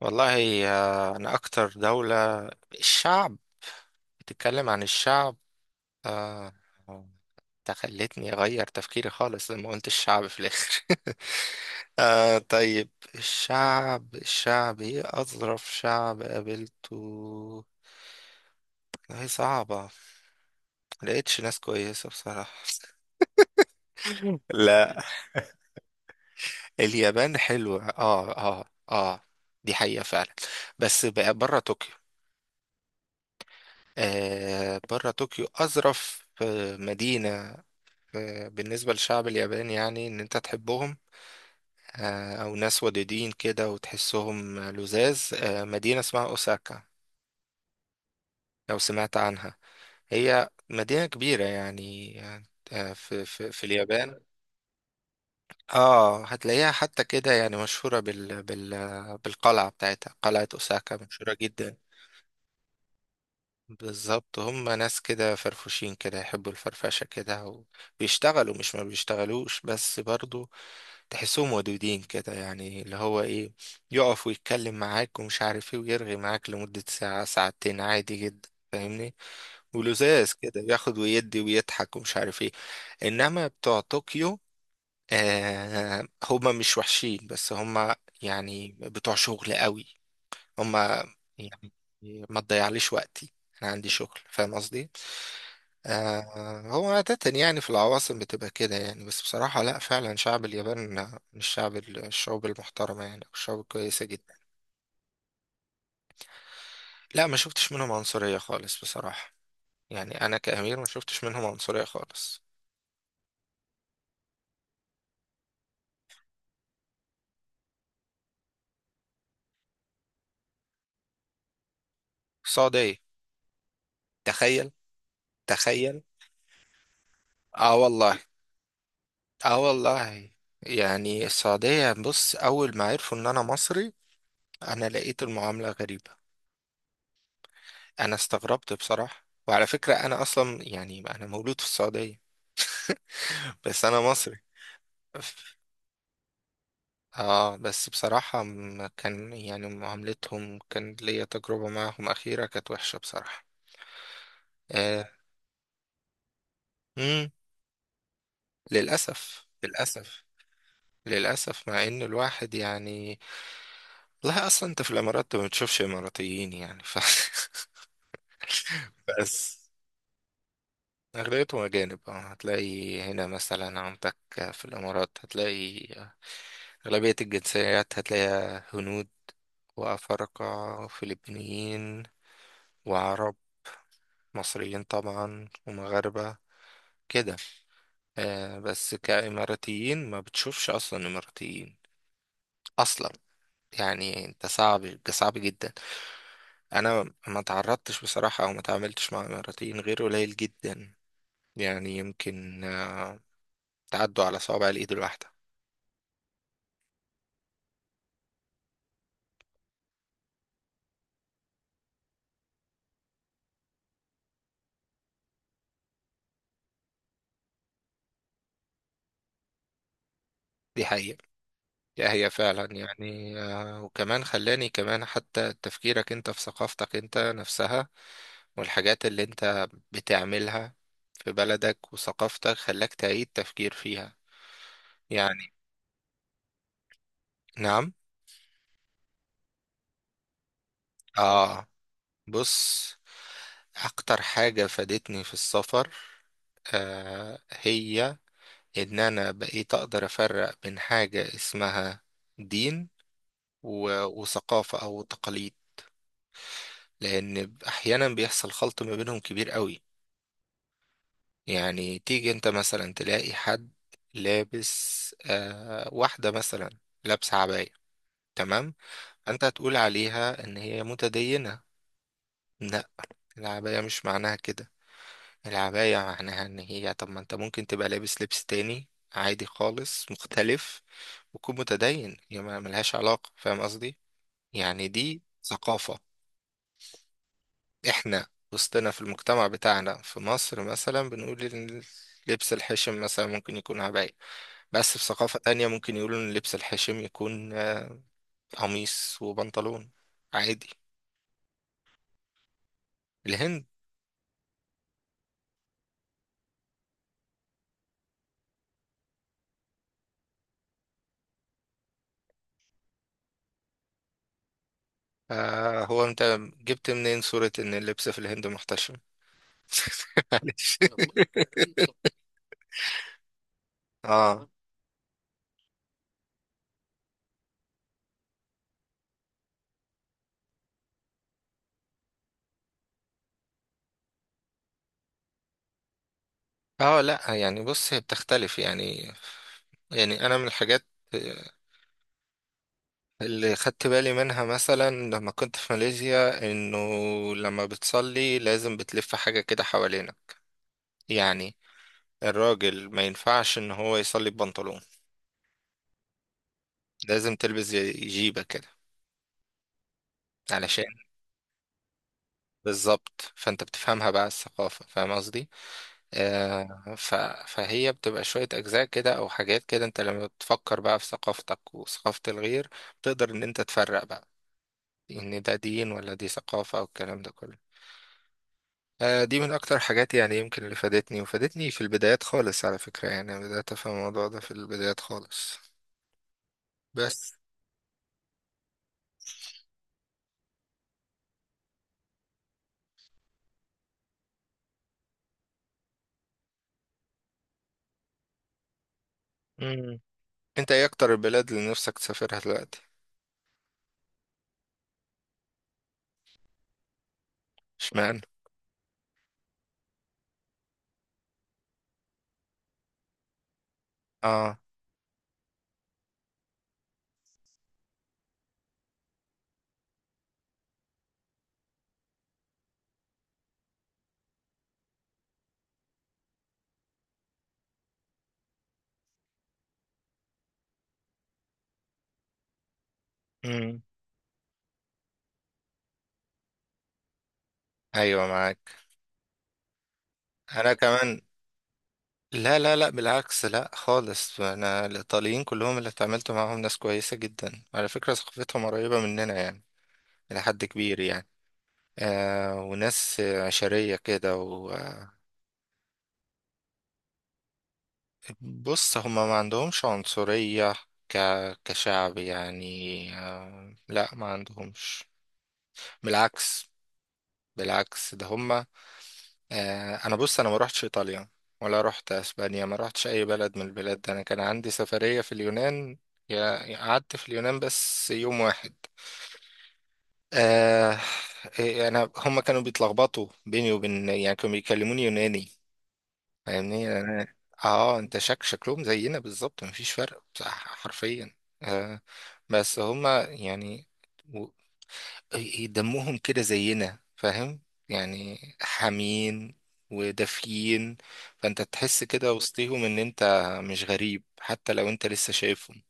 والله أنا أكتر دولة. الشعب؟ بتتكلم عن الشعب؟ آه، ده خلتني أغير تفكيري خالص لما قلت الشعب في الآخر. آه، طيب الشعب، إيه أظرف شعب قابلته؟ والله صعبة. ملقتش ناس كويسة بصراحة. لا. اليابان حلوة. اه، اه، اه، دي حقيقة فعلا. بس بقى بره طوكيو. بره طوكيو أظرف مدينة. بالنسبة للشعب الياباني، يعني إن أنت تحبهم. أو ناس ودودين كده وتحسهم لزاز. مدينة اسمها أوساكا، لو سمعت عنها. هي مدينة كبيرة يعني. في اليابان. اه، هتلاقيها حتى كده يعني مشهورة بالقلعة بتاعتها. قلعة أوساكا مشهورة جدا. بالظبط، هم ناس كده فرفوشين كده، يحبوا الفرفشة كده. وبيشتغلوا، مش ما بيشتغلوش، بس برضو تحسهم ودودين كده، يعني اللي هو ايه، يقف ويتكلم معاك ومش عارف ايه، ويرغي معاك لمدة ساعة ساعتين عادي جدا. فاهمني؟ ولزاز كده، بياخد ويدي ويضحك ومش عارف ايه. انما بتوع طوكيو، آه، هما مش وحشين، بس هما يعني بتوع شغل قوي. هما يعني ما تضيعليش وقتي، انا عندي شغل. فاهم قصدي؟ آه، هو عادة يعني في العواصم بتبقى كده يعني. بس بصراحة لا، فعلا شعب اليابان من الشعوب المحترمة، يعني الشعوب الكويسة جدا. لا، ما شفتش منهم عنصرية خالص بصراحة. يعني انا كأمير ما شفتش منهم عنصرية خالص. السعودية. تخيل. تخيل. اه والله. اه والله. يعني السعودية، بص، اول ما عرفوا ان انا مصري انا لقيت المعاملة غريبة. انا استغربت بصراحة. وعلى فكرة، انا اصلا يعني انا مولود في السعودية. بس انا مصري. اه، بس بصراحة كان يعني معاملتهم، كان ليا تجربة معهم أخيرة كانت وحشة بصراحة. آه. مم. للأسف. للأسف. للأسف، مع إن الواحد يعني. لا أصلا أنت في الإمارات ما بتشوفش إماراتيين، يعني ف... بس أغلبيتهم أجانب. آه، هتلاقي هنا مثلا عندك، في الإمارات هتلاقي أغلبية الجنسيات هتلاقيها هنود وأفارقة وفلبينيين وعرب، مصريين طبعا ومغاربة كده. آه، بس كإماراتيين ما بتشوفش أصلا إماراتيين أصلا. يعني انت، صعب صعب جدا، انا ما تعرضتش بصراحة او ما تعاملتش مع اماراتيين غير قليل جدا. يعني يمكن تعدوا على صوابع الايد الواحدة. دي حقيقة. لا هي فعلا يعني، وكمان خلاني كمان حتى تفكيرك انت في ثقافتك انت نفسها والحاجات اللي انت بتعملها في بلدك وثقافتك خلاك تعيد تفكير فيها. يعني نعم. اه، بص، اكتر حاجة فادتني في السفر هي ان انا بقيت اقدر افرق بين حاجة اسمها دين وثقافة او تقاليد، لان احيانا بيحصل خلط ما بينهم كبير قوي. يعني تيجي انت مثلا تلاقي حد لابس، واحدة مثلا لابسة عباية، تمام. انت هتقول عليها ان هي متدينة. لا، العباية مش معناها كده. العباية معناها ان هي، طب ما انت ممكن تبقى لابس لبس تاني عادي خالص مختلف وتكون متدين. هي ما ملهاش علاقة. فاهم قصدي؟ يعني دي ثقافة. احنا وسطنا في المجتمع بتاعنا في مصر مثلا، بنقول إن لبس الحشم مثلا ممكن يكون عباية. بس في ثقافة تانية ممكن يقولوا إن اللبس الحشيم يكون قميص وبنطلون عادي. الهند. آه، هو أنت جبت منين صورة إن اللبس في الهند محتشم؟ آه. آه. لأ، يعني بص، هي بتختلف يعني. يعني أنا من الحاجات اللي خدت بالي منها مثلا لما كنت في ماليزيا، إنه لما بتصلي لازم بتلف حاجة كده حوالينا. يعني الراجل ما ينفعش إن هو يصلي ببنطلون، لازم تلبس زي جيبة كده علشان. بالظبط، فانت بتفهمها بقى الثقافة. فاهم قصدي؟ آه ف... فهي بتبقى شوية أجزاء كده أو حاجات كده. انت لما بتفكر بقى في ثقافتك وثقافة الغير، بتقدر ان انت تفرق بقى ان ده دين ولا دي ثقافة، او الكلام ده كله. دي من أكتر حاجات يعني يمكن اللي فادتني، وفادتني في البدايات خالص على فكرة. يعني أنا بدأت أفهم الموضوع ده في البدايات خالص. بس. مم. انت ايه أكتر البلاد اللي نفسك تسافرها دلوقتي؟ اشمعنى؟ اه، ايوه معاك. انا كمان، لا لا لا، بالعكس، لا خالص. انا الايطاليين كلهم اللي اتعاملت معاهم ناس كويسه جدا على فكره. ثقافتهم قريبه مننا يعني، الى حد كبير يعني. وناس عشريه كده و... بص، هما ما عندهمش عنصريه ك... كشعب يعني. آه لا، ما عندهمش. بالعكس. بالعكس ده هما. انا بص، انا ما روحتش ايطاليا ولا روحت اسبانيا. ما روحتش اي بلد من البلاد ده. انا كان عندي سفرية في اليونان. يا يا قعدت في اليونان بس يوم واحد. آه إيه، انا هم كانوا بيتلخبطوا بيني وبين يعني، كانوا بيكلموني يوناني. فاهمني؟ أنا- اه انت شكلهم زينا بالظبط، مفيش فرق، حرفيا. آه بس هم يعني دمهم كده زينا. فاهم؟ يعني حامين ودافيين. فانت تحس كده وسطيهم ان انت مش غريب، حتى لو انت لسه شايفهم.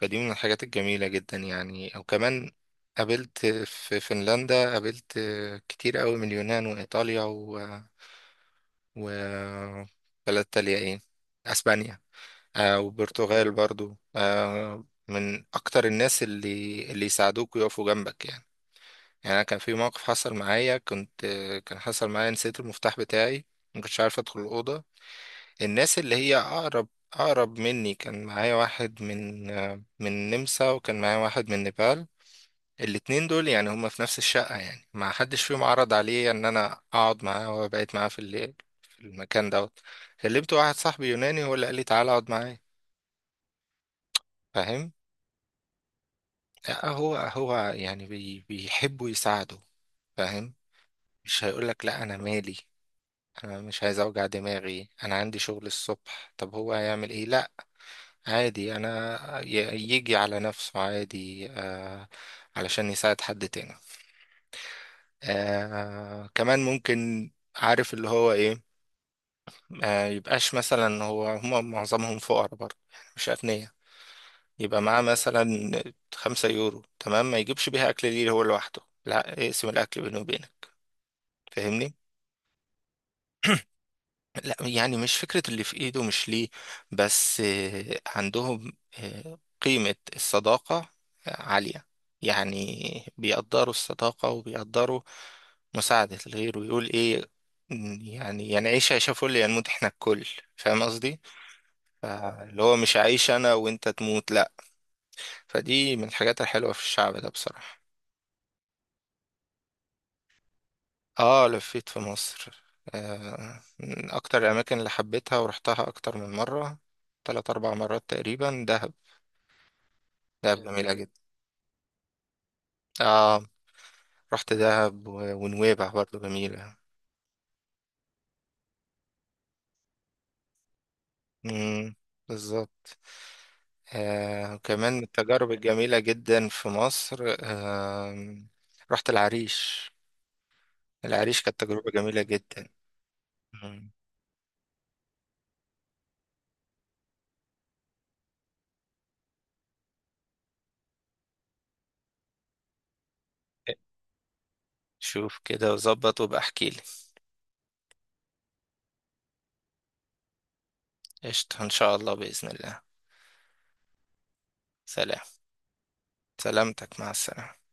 فدي من الحاجات الجميلة جدا. يعني او كمان، قابلت في فنلندا، قابلت كتير قوي من اليونان وايطاليا و... بلد تانية ايه، اسبانيا. وبرتغال برضو. من اكتر الناس اللي يساعدوك ويقفوا جنبك يعني. يعني انا كان في موقف حصل معايا، كنت. كان حصل معايا، نسيت المفتاح بتاعي، ما كنتش عارف ادخل الاوضه. الناس اللي هي اقرب مني، كان معايا واحد من النمسا، وكان معايا واحد من نيبال. الاتنين دول يعني هما في نفس الشقه، يعني ما حدش فيهم عرض عليا ان انا اقعد معاه وبقيت معاه في الليل في المكان دوت. كلمت واحد صاحبي يوناني، هو اللي قال لي تعالى اقعد معايا. فاهم؟ لا، هو هو يعني بيحبوا يساعدوا. فاهم؟ مش هيقولك لا، انا مالي، انا مش عايز اوجع دماغي، انا عندي شغل الصبح، طب هو هيعمل ايه؟ لا، عادي. انا يجي على نفسه عادي. علشان يساعد حد تاني. كمان ممكن، عارف اللي هو ايه. يبقاش مثلا هو، هم معظمهم فقراء برضه يعني مش اغنياء. يبقى معاه مثلا 5 يورو، تمام، ما يجيبش بيها اكل ليه هو لوحده، لا، اقسم الاكل بينه وبينك. فاهمني؟ لا يعني مش فكرة اللي في ايده مش ليه، بس عندهم قيمة الصداقة عالية. يعني بيقدروا الصداقة وبيقدروا مساعدة الغير. ويقول ايه، يعني، يعني عيش عيش فل ينموت احنا الكل. فاهم قصدي؟ فاللي هو مش عايش انا وانت تموت لا. فدي من الحاجات الحلوة في الشعب ده بصراحة. اه، لفيت في مصر. من اكتر الاماكن اللي حبيتها ورحتها اكتر من مره، 3 4 مرات تقريبا، دهب. دهب حلو، جميله جدا. اه، رحت دهب ونويبع برضو جميله. امم. بالظبط. وكمان من التجارب الجميله جدا في مصر، رحت العريش. العريش كانت تجربه جميله جدا. مم. شوف كده وظبط وابقى احكيلي. قشطة ان شاء الله، باذن الله. سلام. سلامتك، مع السلامه.